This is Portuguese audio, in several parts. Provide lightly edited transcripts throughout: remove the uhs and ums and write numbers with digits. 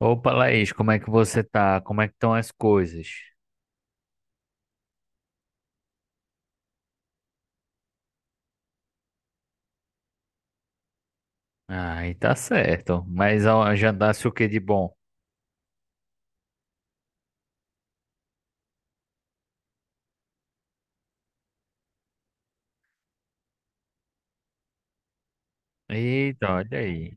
Opa, Laís, como é que você tá? Como é que estão as coisas? Ai, tá certo. Mas ó, jantasse o que de bom? Eita, olha aí.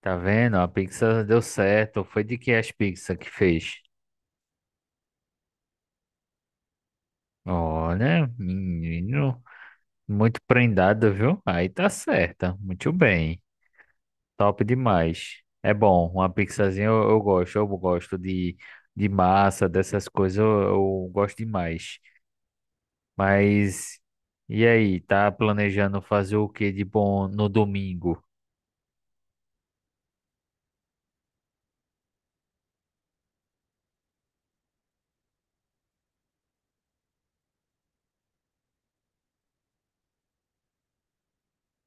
Tá vendo? A pizza deu certo. Foi de que as pizzas que fez? Olha, menino, muito prendado, viu? Aí tá certa. Muito bem. Top demais. É bom, uma pizzazinha eu gosto. Eu gosto de massa, dessas coisas, eu gosto demais. Mas e aí, tá planejando fazer o que de bom no domingo?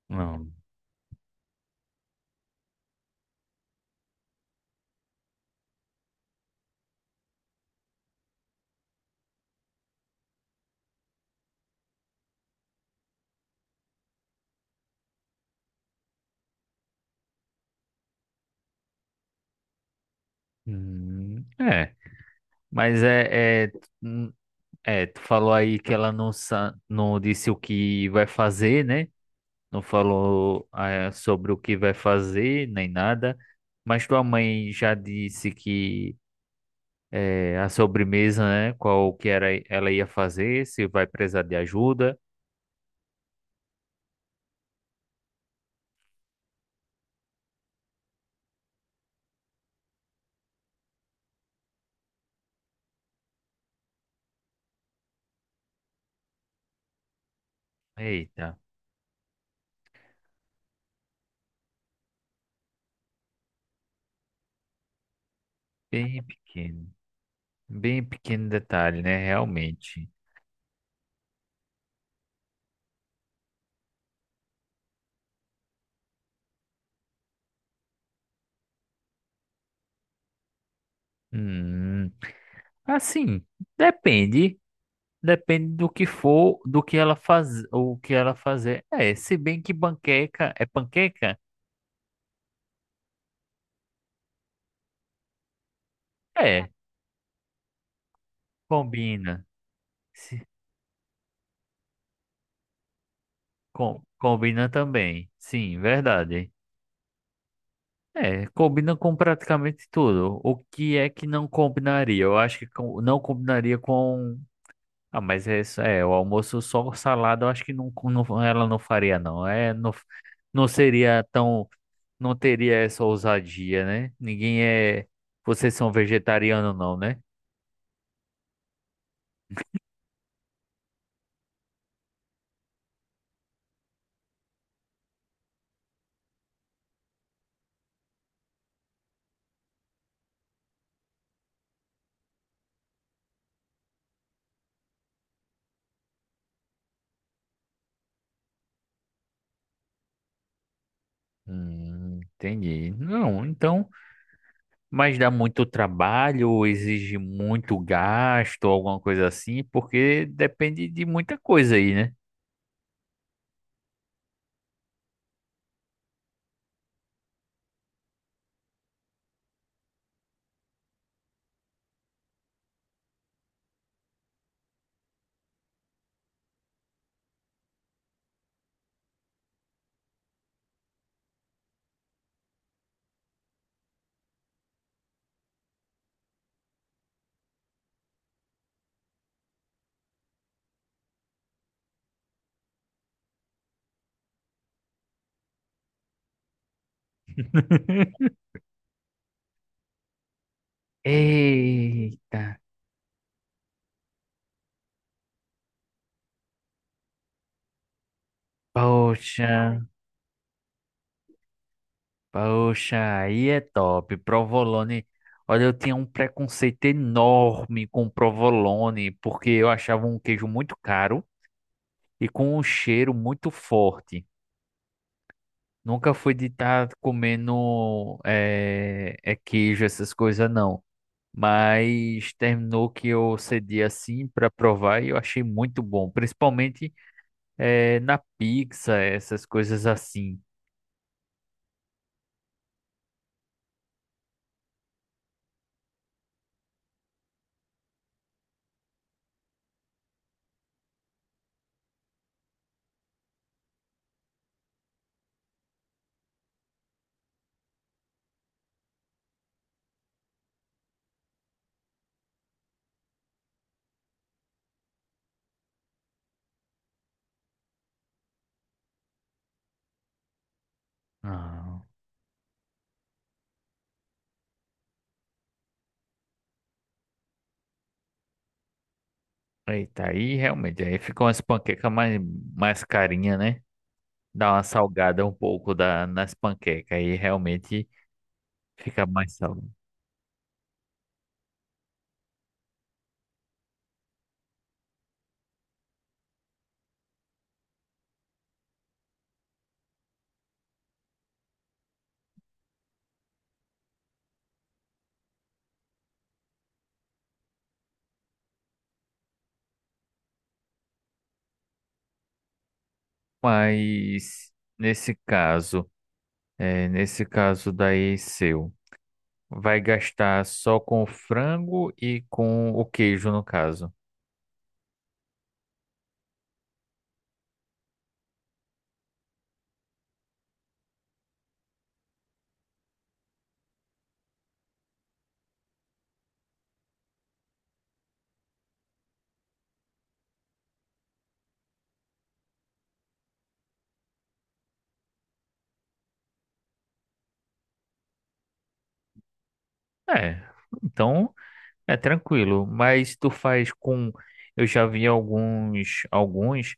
Não. Hum, é, mas é, é, hum, Tu falou aí que ela não, não disse o que vai fazer, né? Não falou, sobre o que vai fazer, nem nada. Mas tua mãe já disse que a sobremesa, né? Qual que era, ela ia fazer, se vai precisar de ajuda. Eita, bem pequeno. Bem pequeno detalhe, né? Realmente. Hum, assim, depende. Depende do que for, do que ela faz, o que ela fazer. É, se bem que panqueca, é, combina. Se, com, combina também. Sim, verdade. É, combina com praticamente tudo. O que é que não combinaria? Eu acho que não combinaria. Ah, mas é isso, é, o almoço só o salada, eu acho que ela não faria, não. É, não, não seria tão, não teria essa ousadia, né? Ninguém é, vocês são vegetariano, não, né? Entendi. Não, então, mas dá muito trabalho, exige muito gasto, alguma coisa assim, porque depende de muita coisa aí, né? Eita, poxa. Poxa, aí é top. Provolone. Olha, eu tinha um preconceito enorme com provolone, porque eu achava um queijo muito caro e com um cheiro muito forte. Nunca fui de estar comendo queijo, essas coisas, não. Mas terminou que eu cedi assim para provar e eu achei muito bom, principalmente na pizza, essas coisas assim. Ah. Eita, aí realmente, aí ficam as panquecas mais, mais carinha, né? Dá uma salgada um pouco da, nas panquecas, aí realmente fica mais salgado. Mas nesse caso, é, nesse caso daí seu, vai gastar só com o frango e com o queijo, no caso. É, então é tranquilo, mas tu faz com. Eu já vi alguns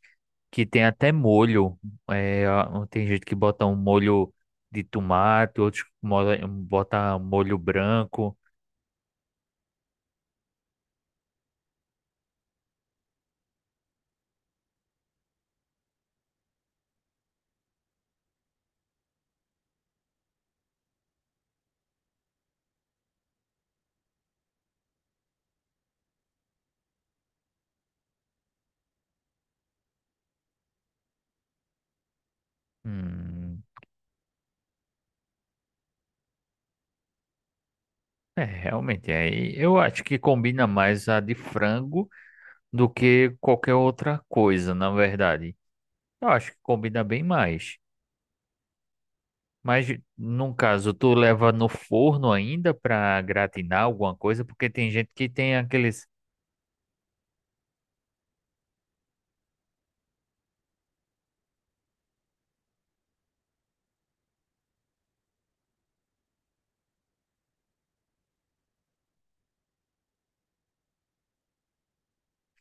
que tem até molho. É, tem gente que bota um molho de tomate, outros bota molho branco. Hum, realmente, aí eu acho que combina mais a de frango do que qualquer outra coisa, na verdade. Eu acho que combina bem mais. Mas, no caso, tu leva no forno ainda pra gratinar alguma coisa, porque tem gente que tem aquele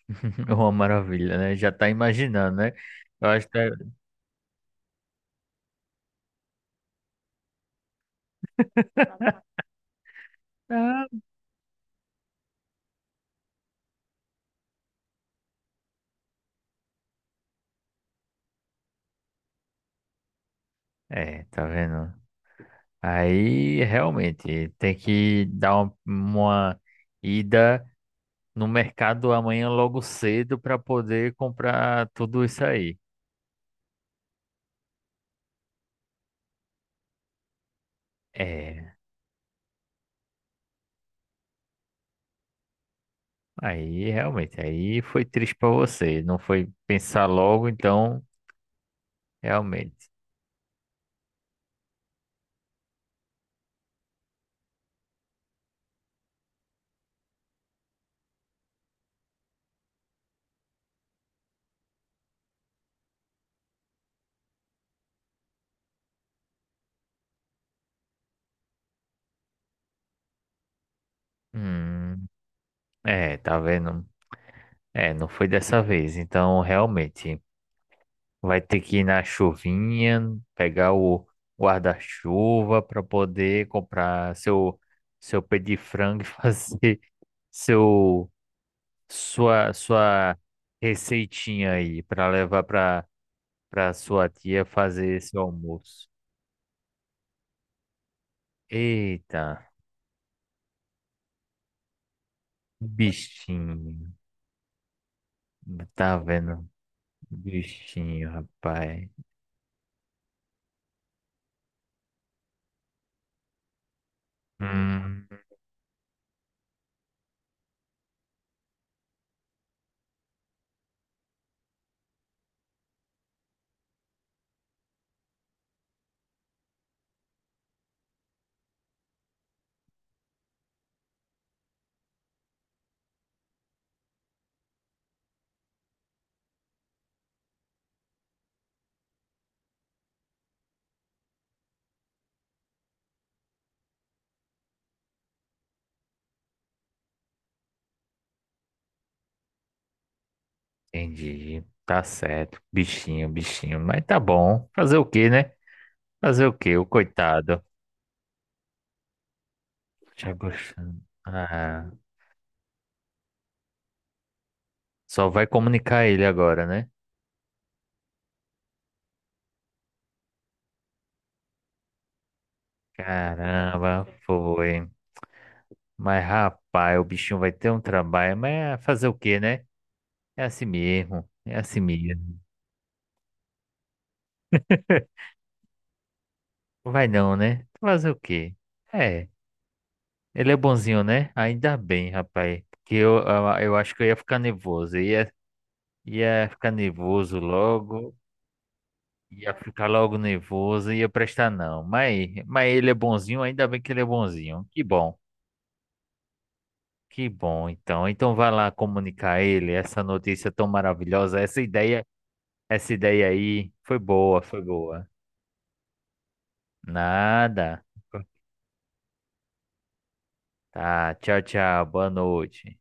é uma maravilha, né? Já tá imaginando, né? Eu acho que ah, é, tá vendo? Aí realmente tem que dar uma ida no mercado amanhã logo cedo para poder comprar tudo isso aí. É, aí realmente, aí foi triste para você, não foi pensar logo, então realmente. Hum, tá vendo? É, não foi dessa vez, então realmente. Vai ter que ir na chuvinha, pegar o guarda-chuva para poder comprar seu pé de frango e fazer seu sua receitinha aí para levar para sua tia fazer esse almoço. Eita, um bichinho. Tá vendo? Bichinho, rapaz. Hum, entendi. Tá certo. Bichinho, bichinho. Mas tá bom. Fazer o quê, né? Fazer o quê? O coitado. Já gostando. Ah, só vai comunicar ele agora, né? Caramba, foi. Mas rapaz, o bichinho vai ter um trabalho, mas é fazer o quê, né? É assim mesmo, é assim mesmo. Vai não, né? Fazer o quê? É, ele é bonzinho, né? Ainda bem, rapaz. Porque eu acho que eu ia ficar nervoso. Ia ficar nervoso logo. Ia ficar logo nervoso, ia prestar não. Mas ele é bonzinho, ainda bem que ele é bonzinho. Que bom. Que bom, então. Então vai lá comunicar a ele essa notícia tão maravilhosa, essa ideia aí foi boa, foi boa. Nada. Tá, tchau, tchau. Boa noite.